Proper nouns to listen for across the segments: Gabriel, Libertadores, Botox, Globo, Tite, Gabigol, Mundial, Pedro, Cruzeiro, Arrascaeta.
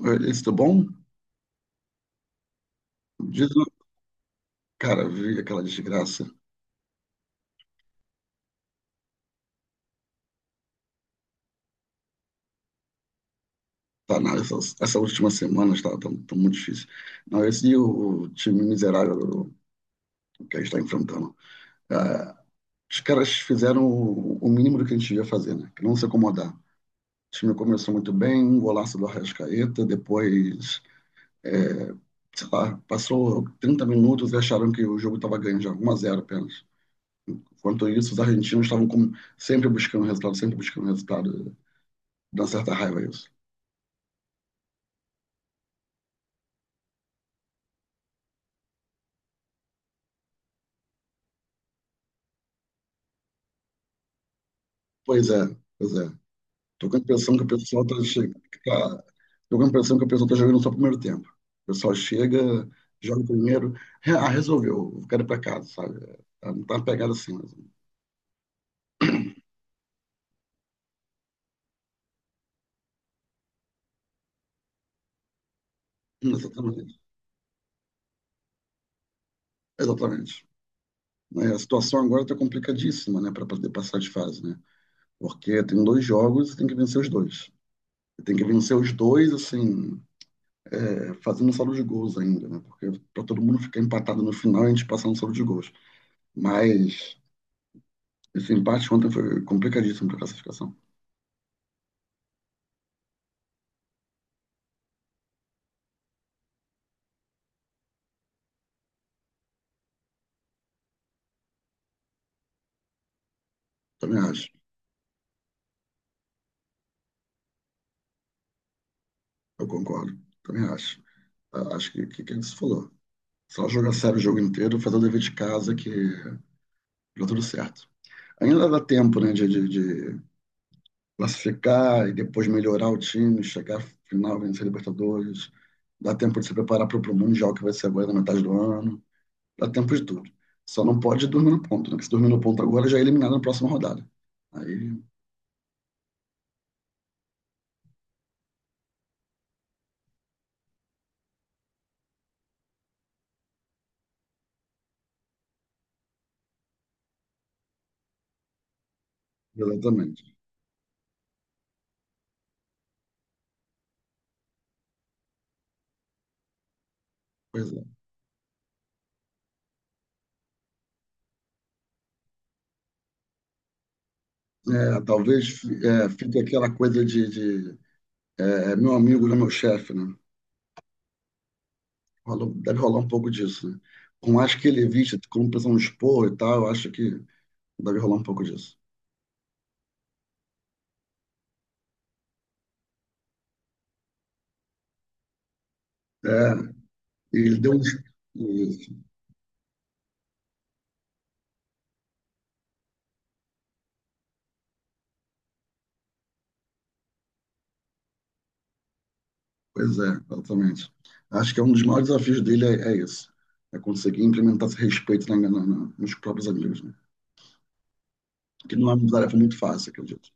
Oi, Alice, bom? Diz- Cara, vi aquela desgraça. Tá, na essa, essa última semana tá muito difícil. Não, esse e o time miserável que a gente está enfrentando. Ah, os caras fizeram o mínimo do que a gente ia fazer, né? Que não se acomodar. O time começou muito bem, um golaço do Arrascaeta, depois, é, sei lá, passou 30 minutos e acharam que o jogo estava ganho já, 1-0 apenas. Enquanto isso, os argentinos estavam como sempre buscando resultado, sempre buscando resultado. Dá uma certa raiva isso. Pois é, pois é. Tô com a impressão que o pessoal tá chegando. Tá, tô com a impressão que o pessoal tá jogando só o primeiro tempo. O pessoal chega, joga o primeiro. Ah, resolveu, eu quero ir pra casa, sabe? Não tá uma pegada assim, mas... exatamente. Exatamente. Mas a situação agora tá complicadíssima, né, para poder passar de fase, né? Porque tem dois jogos e tem que vencer os dois. Tem que vencer os dois, assim, é, fazendo saldo de gols ainda, né? Porque para todo mundo ficar empatado no final, a gente passar no saldo de gols. Mas esse empate ontem foi complicadíssimo para a classificação. Também acho. Eu concordo. Também acho. Ah, acho que que ele se falou. Só jogar sério o jogo inteiro, fazer o dever de casa que dá tudo certo. Ainda dá tempo, né, de classificar e depois melhorar o time, chegar à final, vencer a Libertadores. Dá tempo de se preparar para o Mundial que vai ser agora na metade do ano. Dá tempo de tudo. Só não pode dormir no ponto, né? Porque se dormir no ponto agora, já é eliminado na próxima rodada. Aí, exatamente. Pois é. É, talvez é, fique aquela coisa é, é meu amigo, não é meu chefe, né? Deve rolar um pouco disso, né? Com acho que ele viste, como o pessoal expor e tal, eu acho que deve rolar um pouco disso. É, ele deu um... Isso, pois é, exatamente. Acho que é um dos maiores desafios dele é, é isso, é conseguir implementar esse respeito nos próprios amigos, né? Que não é uma tarefa muito fácil, acredito,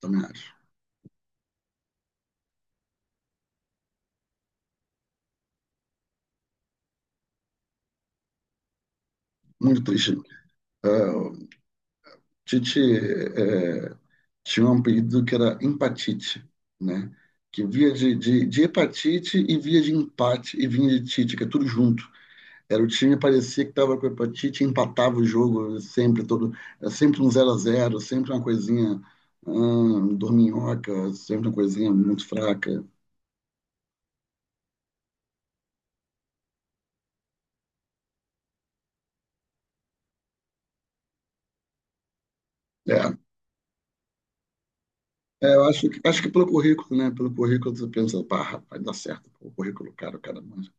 também acho. Muito triste, né? É, o Tite tinha um apelido que era empatite, né? Que via de hepatite e via de empate e vinha de tite, que é tudo junto. Era o time parecia que estava com hepatite, empatava o jogo sempre todo, era sempre um zero a zero, sempre uma coisinha dorminhoca, sempre uma coisinha muito fraca. É, é, eu acho que pelo currículo, né? Pelo currículo você pensa, pá, rapaz, dá certo. Pô, o currículo, cara, o cara manja.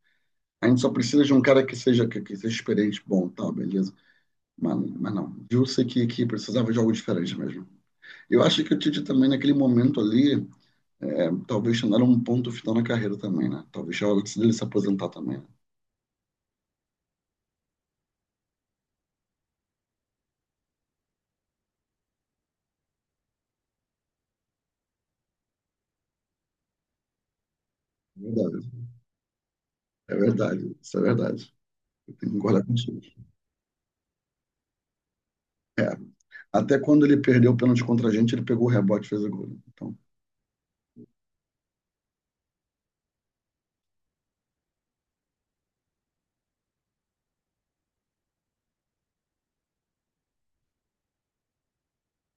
A gente só precisa de um cara que seja que seja experiente, bom, tal, beleza. Mas não, viu-se que precisava de algo diferente mesmo. Eu acho que o Tite também, naquele momento ali, é, talvez não um ponto final na carreira também, né? Talvez já era hora dele se aposentar também, né? É verdade, é verdade, isso é verdade. Eu tenho que concordar contigo. É, até quando ele perdeu o pênalti contra a gente, ele pegou o rebote e fez o gol, né? Então,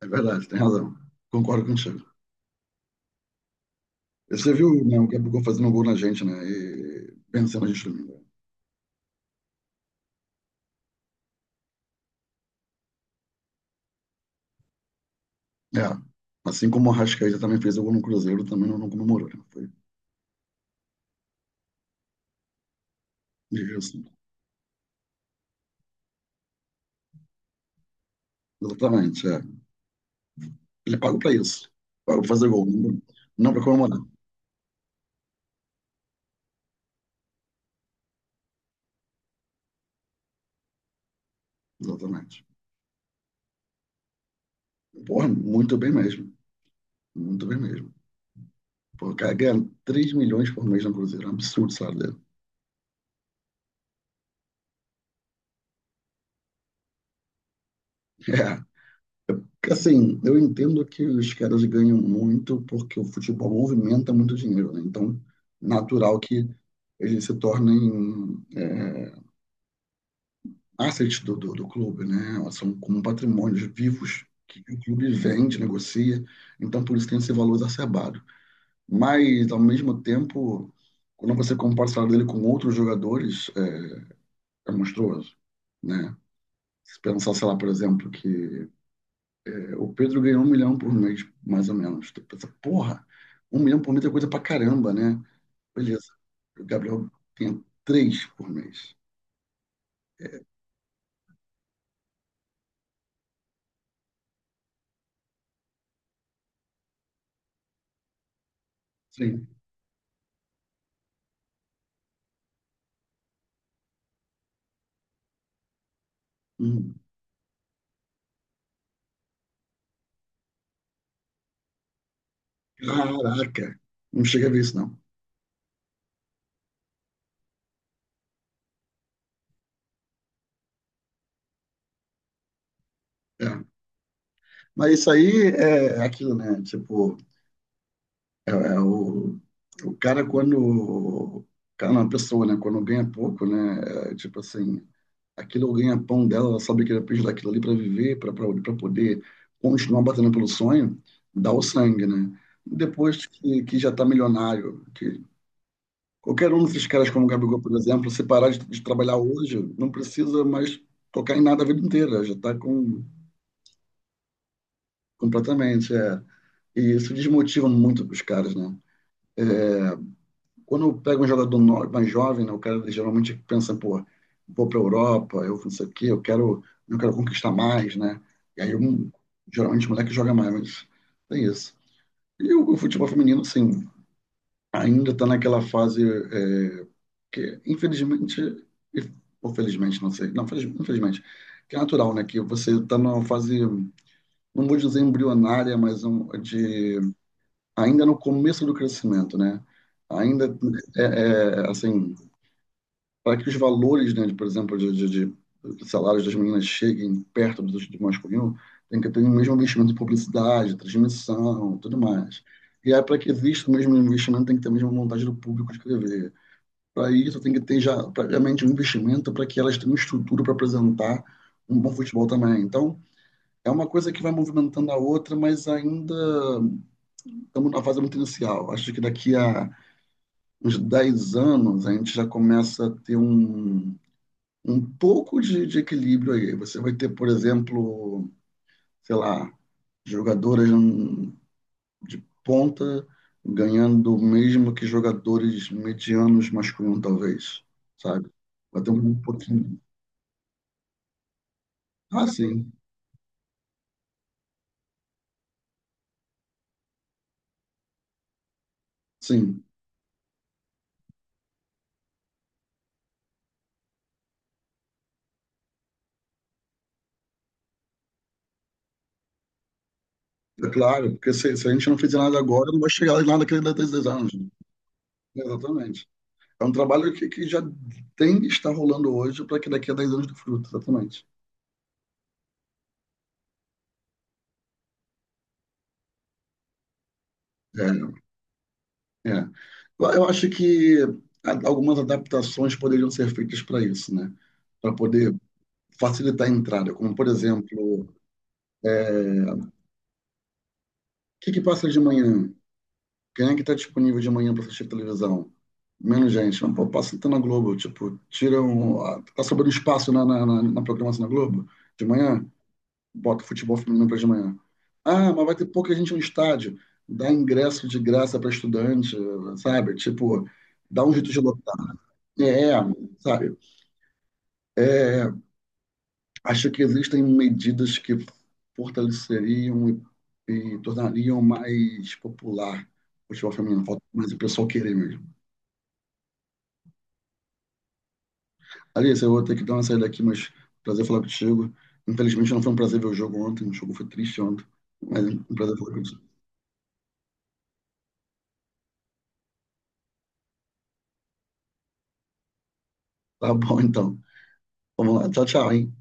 é verdade, tem razão. Concordo contigo. Você viu, né, o Gabigol fazendo gol na gente, né? E vencendo a gente domingo. É, assim como o Arrascaeta também fez o gol no Cruzeiro, também não comemorou, né? Foi difícil. Exatamente, é. Ele paga pra isso. Paga pra fazer gol, não, não pra comemorar. Exatamente. Porra, muito bem mesmo. Muito bem mesmo. Pô, o cara ganha 3 milhões por mês no Cruzeiro. É um absurdo o salário dele. É. Porque, assim, eu entendo que os caras ganham muito porque o futebol movimenta muito dinheiro, né? Então, natural que eles se tornem assets do clube, né? São como patrimônios vivos que o clube vende, negocia. Então, por isso tem esse valor exacerbado. Mas, ao mesmo tempo, quando você compara o salário dele com outros jogadores, é, é monstruoso, né? Se pensar, sei lá, por exemplo, o Pedro ganhou 1 milhão por mês, mais ou menos. Tu pensa, porra, 1 milhão por mês é coisa pra caramba, né? Beleza. O Gabriel tem três por mês. Sim. Hum. Caraca! Não chega a ver isso, não. É. Mas isso aí é aquilo, né? Tipo, é, é o cara, quando. Cara, não, a pessoa, né? Quando ganha pouco, né? É, tipo assim, aquilo ganha pão dela, ela sabe que ela precisa daquilo ali para viver, para poder continuar batendo pelo sonho, dá o sangue, né? Depois que já tá milionário, que qualquer um desses caras como o Gabigol, por exemplo, se parar de trabalhar hoje, não precisa mais tocar em nada a vida inteira, já tá com completamente, é. E isso desmotiva muito os caras, né? Quando eu pego um jogador mais jovem, né, o cara geralmente pensa, pô, vou para a Europa, eu não sei o quê, eu quero conquistar mais, né? E aí, um, geralmente, o moleque joga mais, mas tem isso. E o futebol feminino, sim, ainda está naquela fase é, que, infelizmente, e- ou felizmente, não sei, não, infelizmente, que é natural, né? Que você está numa fase, não vou dizer embrionária, mas um, de ainda no começo do crescimento, né? Ainda é, é, assim, para que os valores, né, de, por exemplo, de salários das meninas cheguem perto do masculino, tem que ter o mesmo investimento em publicidade, transmissão, tudo mais. E aí, para que exista o mesmo investimento, tem que ter a mesma vontade do público de escrever. Para isso, tem que ter já previamente um investimento para que elas tenham um estrutura para apresentar um bom futebol também. Então, é uma coisa que vai movimentando a outra, mas ainda estamos na fase muito inicial. Acho que daqui a uns 10 anos a gente já começa a ter um pouco de equilíbrio aí. Você vai ter, por exemplo, sei lá, jogadoras de ponta ganhando o mesmo que jogadores medianos masculinos, talvez, sabe? Vai ter um pouquinho. Ah, sim, sim. É claro, porque se a gente não fizer nada agora, não vai chegar lá naquele daqui a 10 anos, né? Exatamente. É um trabalho que já tem que estar rolando hoje para que daqui a 10 anos dê fruto, exatamente. É, é. Eu acho que algumas adaptações poderiam ser feitas para isso, né? Para poder facilitar a entrada, como por exemplo, o que que passa de manhã? Quem é que está disponível de manhã para assistir televisão? Menos gente. Mas, pô, passa então na Globo, tipo, tira um, tá sobrando espaço na programação da Globo de manhã, bota futebol feminino para de manhã. Ah, mas vai ter pouca gente no estádio. Dá ingresso de graça para estudante, sabe? Tipo, dá um jeito de lotar. É, sabe? Acho que existem medidas que fortaleceriam e tornariam mais popular o futebol feminino. Falta mais o pessoal querer mesmo. Alice, eu vou ter que dar uma saída aqui, mas prazer falar contigo. Infelizmente não foi um prazer ver o jogo ontem, o jogo foi triste ontem, mas é um prazer falar contigo. Tá bom, então. Vamos lá. Tchau, tchau, hein?